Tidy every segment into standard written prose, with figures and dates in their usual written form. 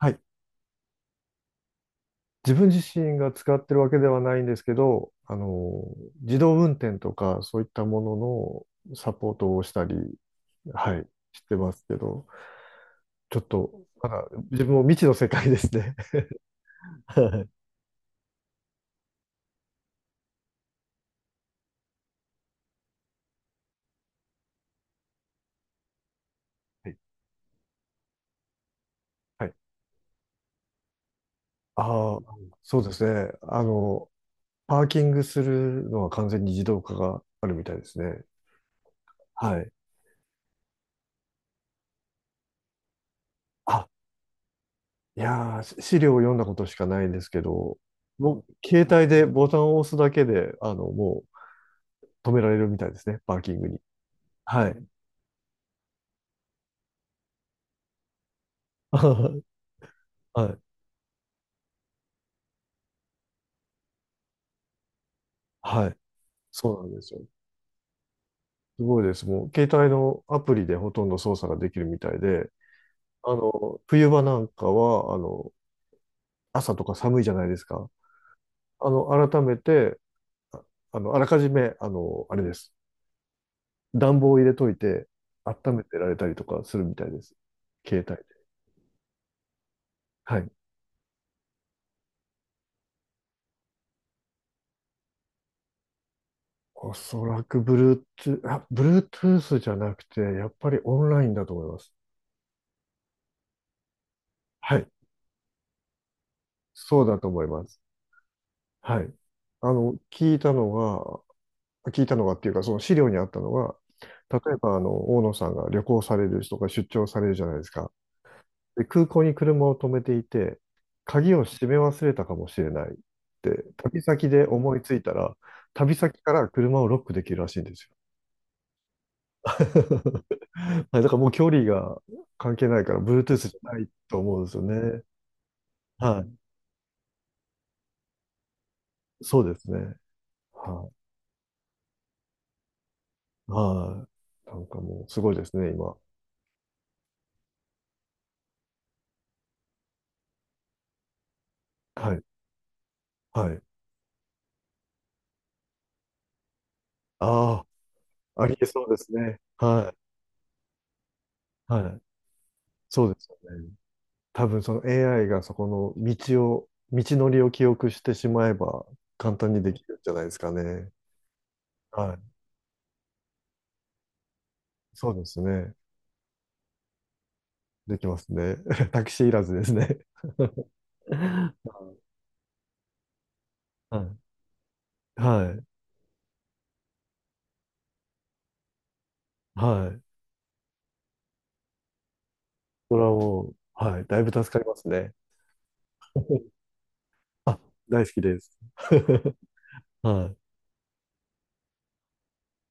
はい。自分自身が使ってるわけではないんですけど、自動運転とかそういったもののサポートをしたり、はい、してますけど、ちょっと、まだ自分も未知の世界ですね。はい。はい。ああ、そうですね。パーキングするのは完全に自動化があるみたいですね。はい。あ、いやー、資料を読んだことしかないですけど、もう携帯でボタンを押すだけで、止められるみたいですね、パーキングに。はい。はい。はい。そうなんですよ。すごいです。もう、携帯のアプリでほとんど操作ができるみたいで、冬場なんかは、朝とか寒いじゃないですか。あの、改めて、ああの、あらかじめ、あれです。暖房を入れといて、温めてられたりとかするみたいです。携帯で。はい。おそらく Bluetooth じゃなくて、やっぱりオンラインだと思います。はい。そうだと思います。はい。あの、聞いたのが、聞いたのがっていうか、その資料にあったのが、例えば、大野さんが旅行される人が出張されるじゃないですか。で、空港に車を止めていて、鍵を閉め忘れたかもしれないって、旅先で思いついたら、旅先から車をロックできるらしいんですよ。はい、だからもう距離が関係ないから、Bluetooth じゃないと思うんですよね。はい。そうですね。はい。はい。なんかもう、すごいですね、今。はい。はい。ああ、ありえそうですね。はい。はい。そうですよね。多分その AI がそこの道を、道のりを記憶してしまえば簡単にできるんじゃないですかね。はい。そうですね。できますね。タクシーいらずですね。はい。はい。はい。はい、それはもう、はい。だいぶ助かりますね。あ、大好きです。はい。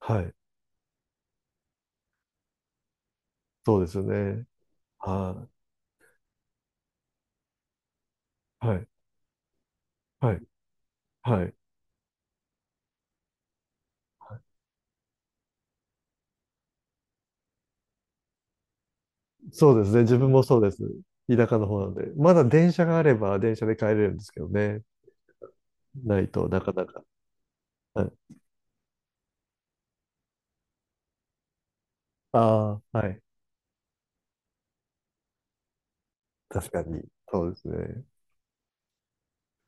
はい。そうですよね。はい。はい。はい。はい。そうですね。自分もそうです。田舎の方なんで。まだ電車があれば電車で帰れるんですけどね。ないとなかなか。はい。ああ、はい。確かに。そうですね。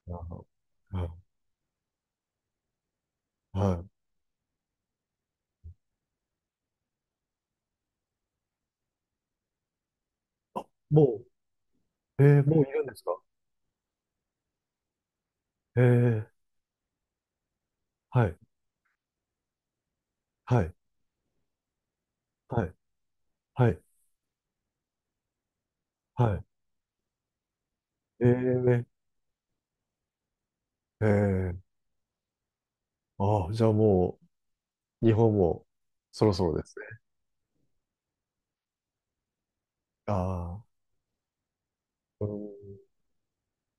あの、はい。はい、もう、えー、もういるんですか？えー、はい、はい、はい、はい、はい。えー、えー、ああ、じゃあもう、日本もそろそろですね。ああ、うん、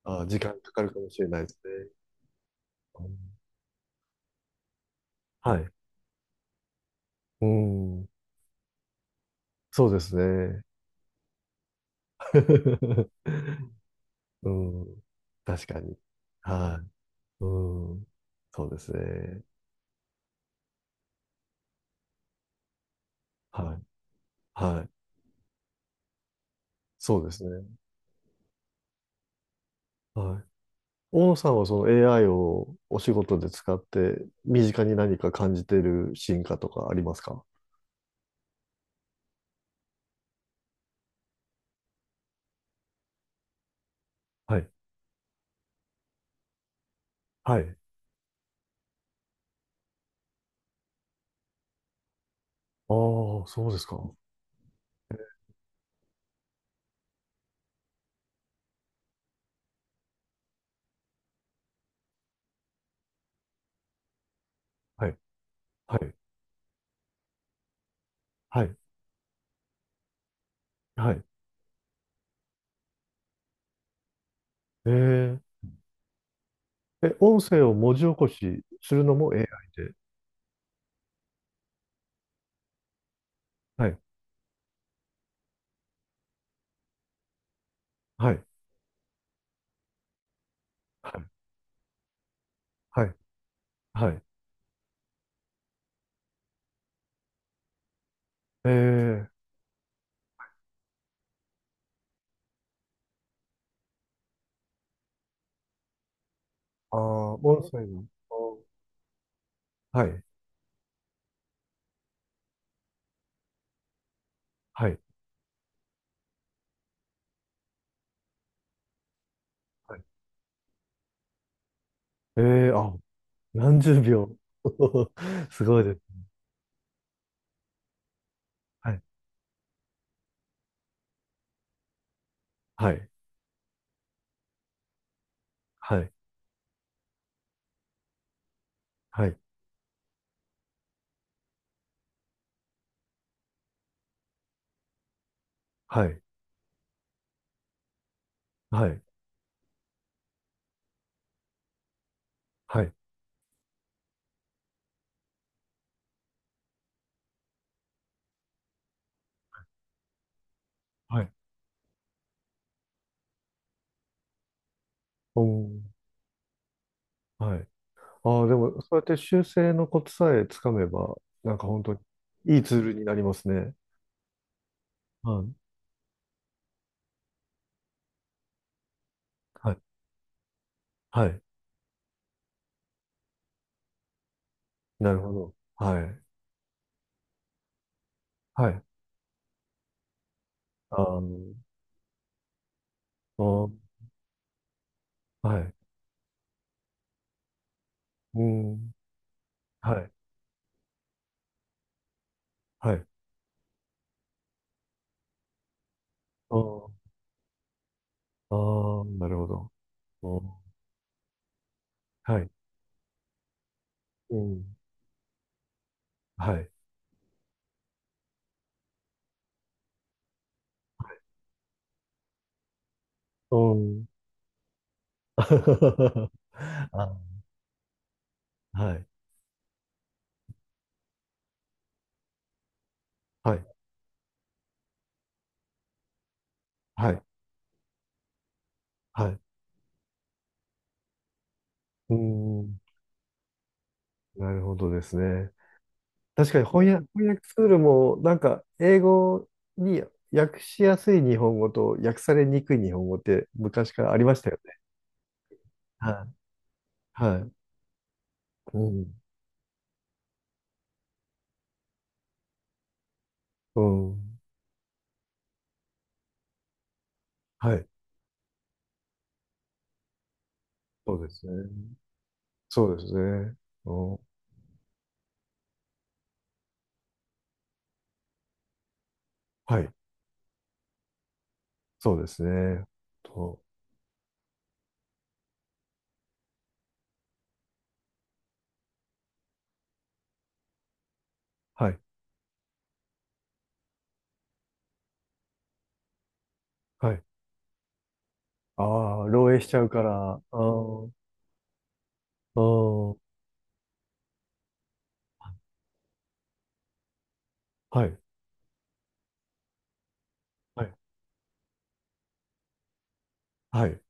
ああ、時間かかるかもしれないですね。うん、はい。うん、そうですね。うん。確かに。はい。うん。そうですね。はい。はい。そうですね。はい。大野さんはその AI をお仕事で使って、身近に何か感じている進化とかありますか？はい。はい。ああ、そうですか。はい。はい。はい。はい。えー、え、音声を文字起こしするのも AI で。はい。はい。はい。はい。はい。えー、ああ、音声の。あー、はい。はい。はい、えー、あ、何十秒。すごいです。はい。はい。はい。はい。はい。はい。はい。はい。おー、はい。ああ、でも、そうやって修正のコツさえつかめば、なんか本当にいいツールになりますね。はい。はい。はい。なるほど。はい。はい。あの、あー、はい。うん。はい。はい。あーあー、なるほど。うん、はい。うん。はい。うん。あ、はい、はい、はい、はい。うーん、なるほどですね。確かに翻訳ツールも、なんか、英語に訳しやすい日本語と訳されにくい日本語って昔からありましたよね。はい、はい、うん、うん、はい、そうですね。そうですね。うん、はい、そうですね。と、はい、はい。ああ、漏洩しちゃうから、ああ、ああ、はい、はい、はい、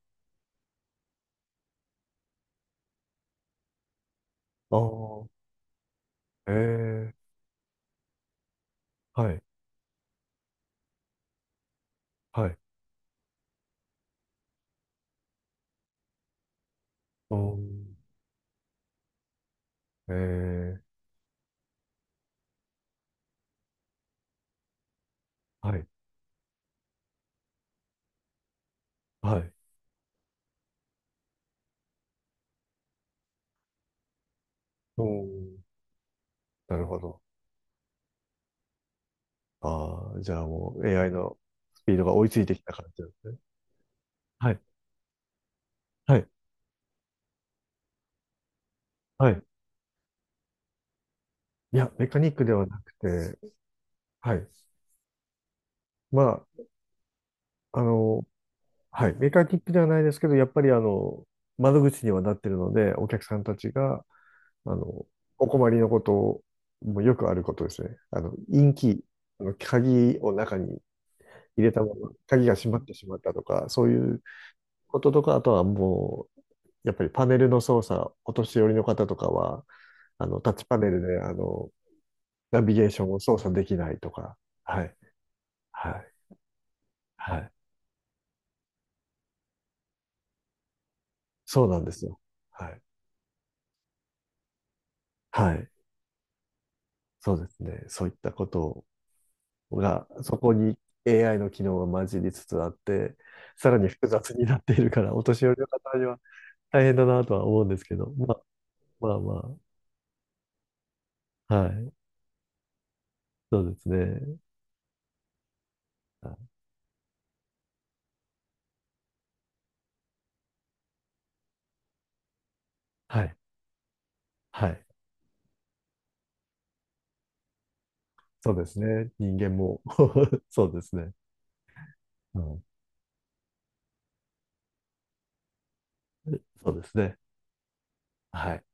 ああ、ええ、はい、はい。おー、ええ、はい、はい。おー、なるほど。ああ、じゃあもう AI のスピードが追いついてきた感じなんですね。はい、はい、はい。いや、メカニックではなくて、はい。まあ、はい。メカニックではないですけど、やっぱり窓口にはなってるので、お客さんたちが、あの、お困りのこともよくあることですね。インキー、鍵を中に入れたまま鍵が閉まってしまったとか、そういうこととか、あとはもう、やっぱりパネルの操作、お年寄りの方とかは、タッチパネルで、ナビゲーションを操作できないとか、はい、はい、はい、そうなんですよ。はい、はい、そうですね。そういったことが、そこに AI の機能が混じりつつあって、さらに複雑になっているから、お年寄りの方には大変だなとは思うんですけど、まあ、まあまあ、はい、そうですね。はい。はい。そうですね。人間も そうですね。うん。そうですね。はい。